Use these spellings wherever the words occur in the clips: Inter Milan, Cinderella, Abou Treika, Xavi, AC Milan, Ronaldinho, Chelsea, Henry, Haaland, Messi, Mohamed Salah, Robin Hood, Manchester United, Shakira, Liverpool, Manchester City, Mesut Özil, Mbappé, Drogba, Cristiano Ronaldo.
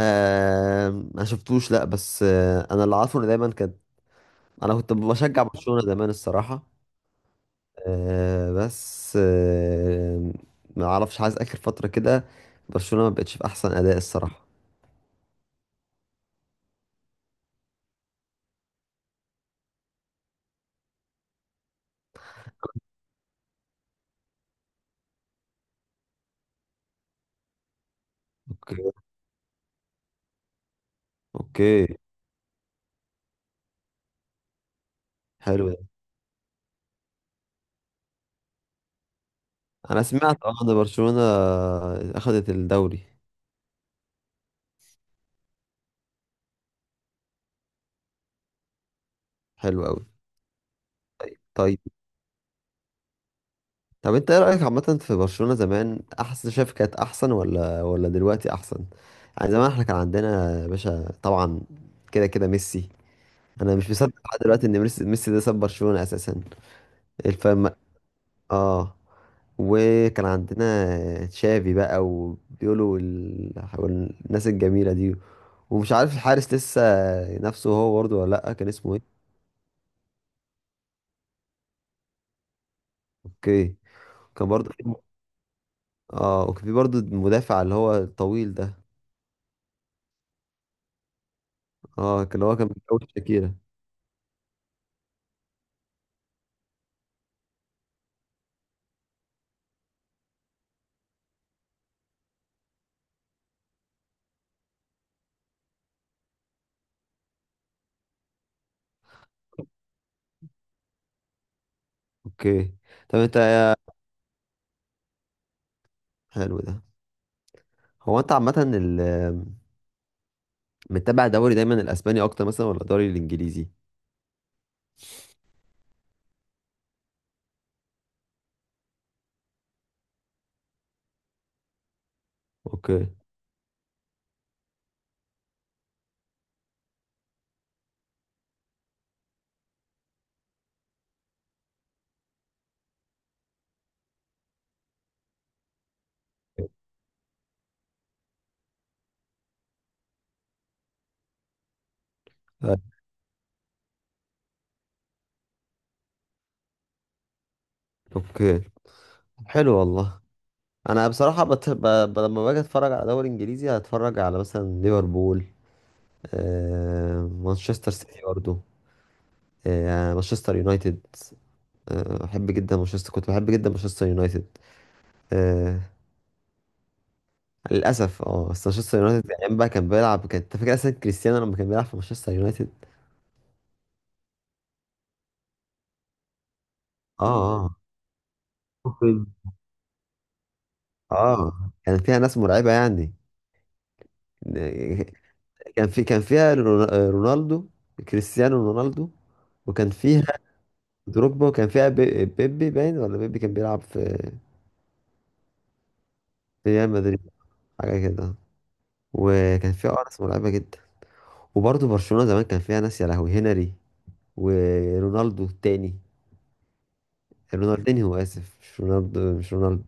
آه ما شفتوش، لا. بس انا اللي عارفه ان دايما كانت. انا كنت بشجع برشلونة زمان الصراحة. آه، بس ما اعرفش، عايز اخر فترة كده برشلونة ما بقتش في احسن اداء الصراحة. اوكي، اوكي. حلو ده. انا سمعت ان برشلونة اخذت الدوري. حلو قوي. طيب. طب انت ايه رأيك عامة في برشلونة زمان؟ احسن، شايف كانت احسن ولا دلوقتي احسن؟ يعني زمان احنا كان عندنا يا باشا، طبعا، كده كده ميسي. انا مش مصدق لحد دلوقتي ان ميسي ده ساب برشلونة اساسا. الفم. اه. وكان عندنا تشافي بقى، وبيقولوا الناس الجميلة دي. ومش عارف الحارس، لسه نفسه هو برضه ولا لأ؟ كان اسمه ايه؟ اوكي. كان برضه في- اه، وكان في برضه المدافع اللي هو الطويل ده. اللي هو كان بيتجوز شاكيرا. اوكي. طب انت إيه؟ حلو ده. هو انت عامة متابع دوري دايما الاسباني اكتر مثلا، ولا الدوري الانجليزي؟ اوكي. طيب، اوكي. حلو والله. انا بصراحه لما باجي اتفرج على دوري انجليزي، هتفرج على مثلا ليفربول، مانشستر سيتي برضه، مانشستر يونايتد. احب جدا مانشستر، كنت بحب جدا مانشستر يونايتد آه... للاسف. اه بس مانشستر يونايتد يعني ايام بقى كان بيلعب، كان انت فاكر اصلا كريستيانو لما كان بيلعب في مانشستر يونايتد؟ اه، اه، ممكن. اه، كان فيها ناس مرعبه يعني. كان فيها رونالدو، كريستيانو رونالدو. وكان فيها دروجبا. كان فيها بيبي، باين ولا بيبي كان بيلعب في ريال مدريد؟ حاجة كده. وكان فيها أرس مرعبة جدا. وبرضه برشلونة زمان كان فيها ناس، يا لهوي، هنري ورونالدو التاني. رونالدينيو، آسف، مش رونالدو مش رونالدو.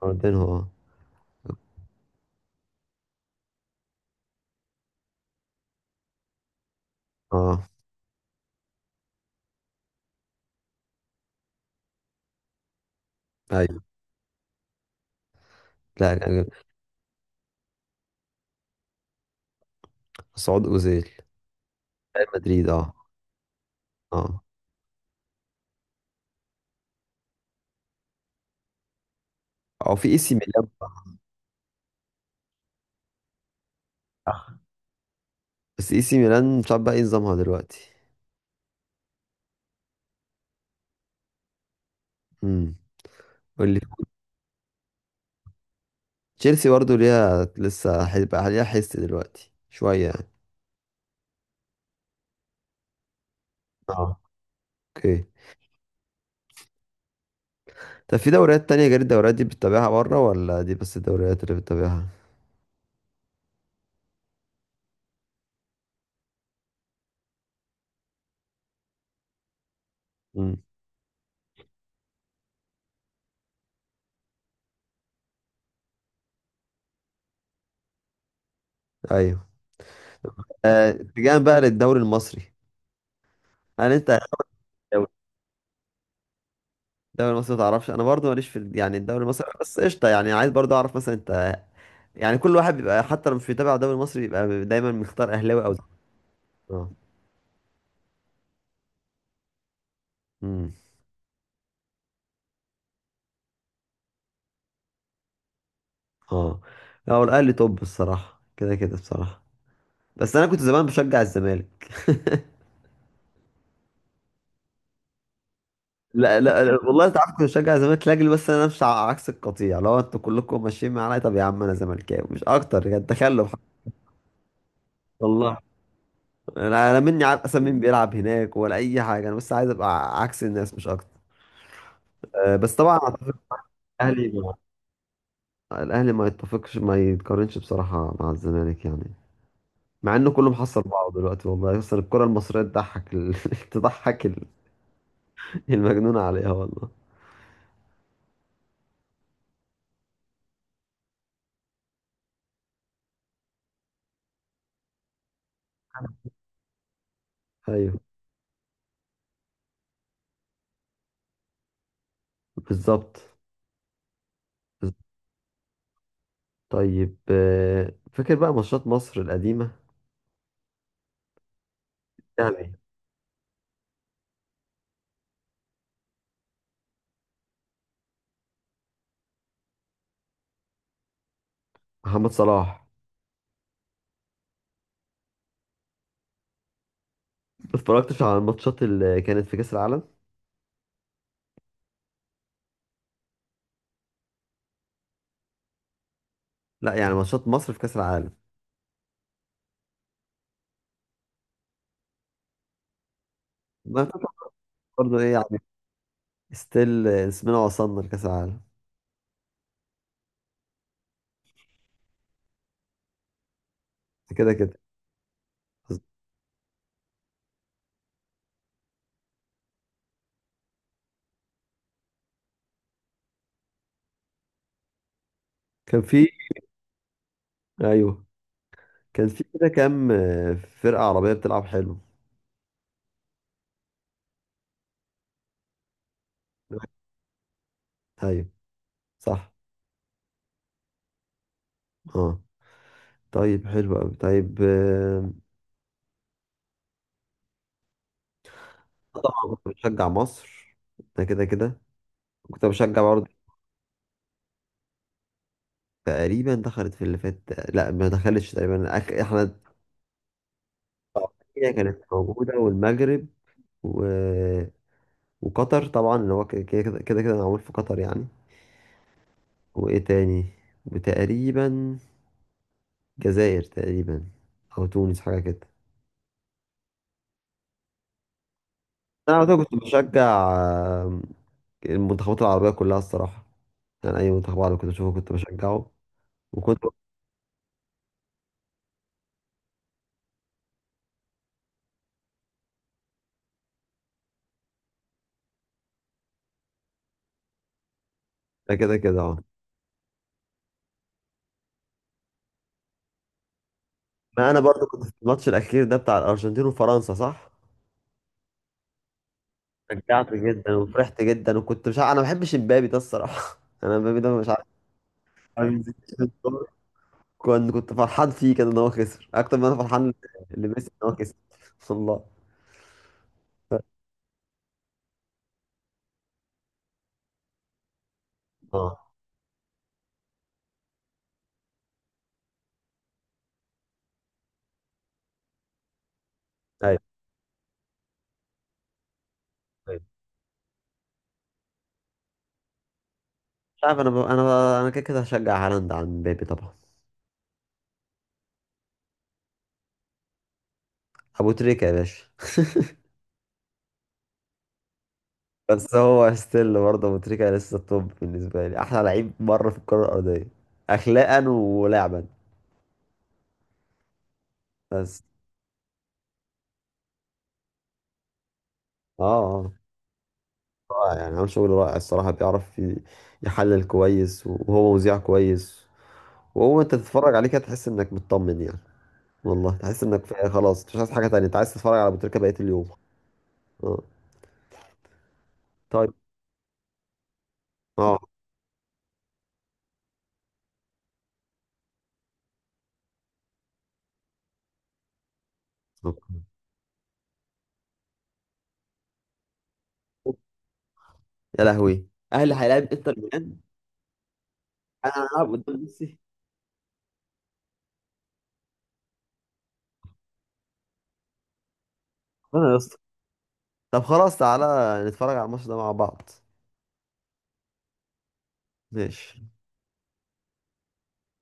رونالدينيو، اه. اه، ايوه. لا، كان جامد. مسعود أوزيل، ريال مدريد، اه. اه، او في اي سي ميلان بقى. آه. بس اي سي ميلان مش عارف بقى ايه نظامها دلوقتي. امم. واللي تشيلسي برضه ليها لسه، هيبقى ليها حس دلوقتي شوية يعني. اه، اوكي. طب في دوريات تانية غير الدوريات دي بتتابعها بره، ولا دي بس الدوريات اللي بتتابعها؟ امم. ايوه. اتجاها بقى للدوري المصري. هل انت الدوري، المصري ما تعرفش، انا برضو ماليش في يعني الدوري المصري، بس قشطه، يعني عايز برضو اعرف مثلا انت، يعني كل واحد بيبقى حتى لو مش بيتابع الدوري المصري بيبقى دايما مختار اهلاوي او زمالكاوي. اه. امم. اه. هو الاهلي توب الصراحه، كده كده بصراحه. بس انا كنت زمان بشجع الزمالك. لا، لا، لا، والله انت عارف كنت بشجع الزمالك لاجل بس انا امشي على عكس القطيع. لو انتوا كلكم ماشيين معايا، طب يا عم انا زملكاوي مش اكتر يعني، تخلف. والله انا مني عارف اصلا مين بيلعب هناك ولا اي حاجه، انا بس عايز ابقى عكس الناس مش اكتر. أه، بس طبعا أعتقد الاهلي، ما يتفقش، ما يتقارنش بصراحه مع الزمالك يعني. مع انه كله محصل بعضه دلوقتي والله. اصلا الكره المصريه تضحك تضحك المجنون عليها والله. ايوه، بالظبط. بالظبط. طيب، فاكر بقى ماتشات مصر القديمة؟ يعني محمد صلاح. ما اتفرجتش على الماتشات اللي كانت في كأس العالم. لا، يعني ماتشات مصر في كأس العالم. ما كنت برضه ايه يعني، ستيل اسمنا وصلنا لكأس العالم. كده كده. كان في ايوه. كان في كده كام فرقة عربية بتلعب حلو. ايوه. صح. اه. طيب، حلو قوي. طيب، طبعا كنت بشجع مصر. ده كده كده. كنت بشجع برضه. تقريبا دخلت في اللي فات. لا ما دخلتش، تقريبا احنا. هي كانت موجودة والمغرب و... وقطر طبعا، اللي هو كده كده كده كده معمول في قطر يعني. وايه تاني؟ وتقريبا جزائر، تقريبا. او تونس، حاجه كده. انا على طول كنت بشجع المنتخبات العربيه كلها الصراحه. يعني اي منتخب عربي كنت بشوفه كنت بشجعه. وكنت بشجع، كده كده، اه. ما انا برضو كنت في الماتش الاخير ده بتاع الارجنتين وفرنسا، صح؟ شجعت جدا وفرحت جدا، وكنت مش عارف، انا ما بحبش امبابي ده الصراحه. انا امبابي ده مش عارف. كنت فرحان فيه كده ان هو خسر اكتر ما انا فرحان لميسي ان هو كسب. والله. اه، ايوه، ايوه. مش عارف، انا كده كده هشجع هالاند عن مبابي طبعا. ابو تريكه يا باشا. بس هو ستيل برضه ابو تريكه لسه التوب بالنسبه لي، احلى لعيب بره في الكره الارضيه، اخلاقا ولعبا. بس. اه، اه، رائع يعني، عامل شغل رائع الصراحه. بيعرف يحلل كويس، وهو مذيع كويس. وهو انت تتفرج عليه كده تحس انك مطمن يعني. والله تحس انك في، خلاص مش عايز حاجه تانية، انت عايز تتفرج على ابو تريكه بقيه اليوم. اه. طيب. اه. بالظبط. يا لهوي، اهلي هيلاعب انتر ميلان. انا هلعب قدام ميسي. انا يا اسطى، طب خلاص، تعالى نتفرج على الماتش ده مع بعض. ماشي.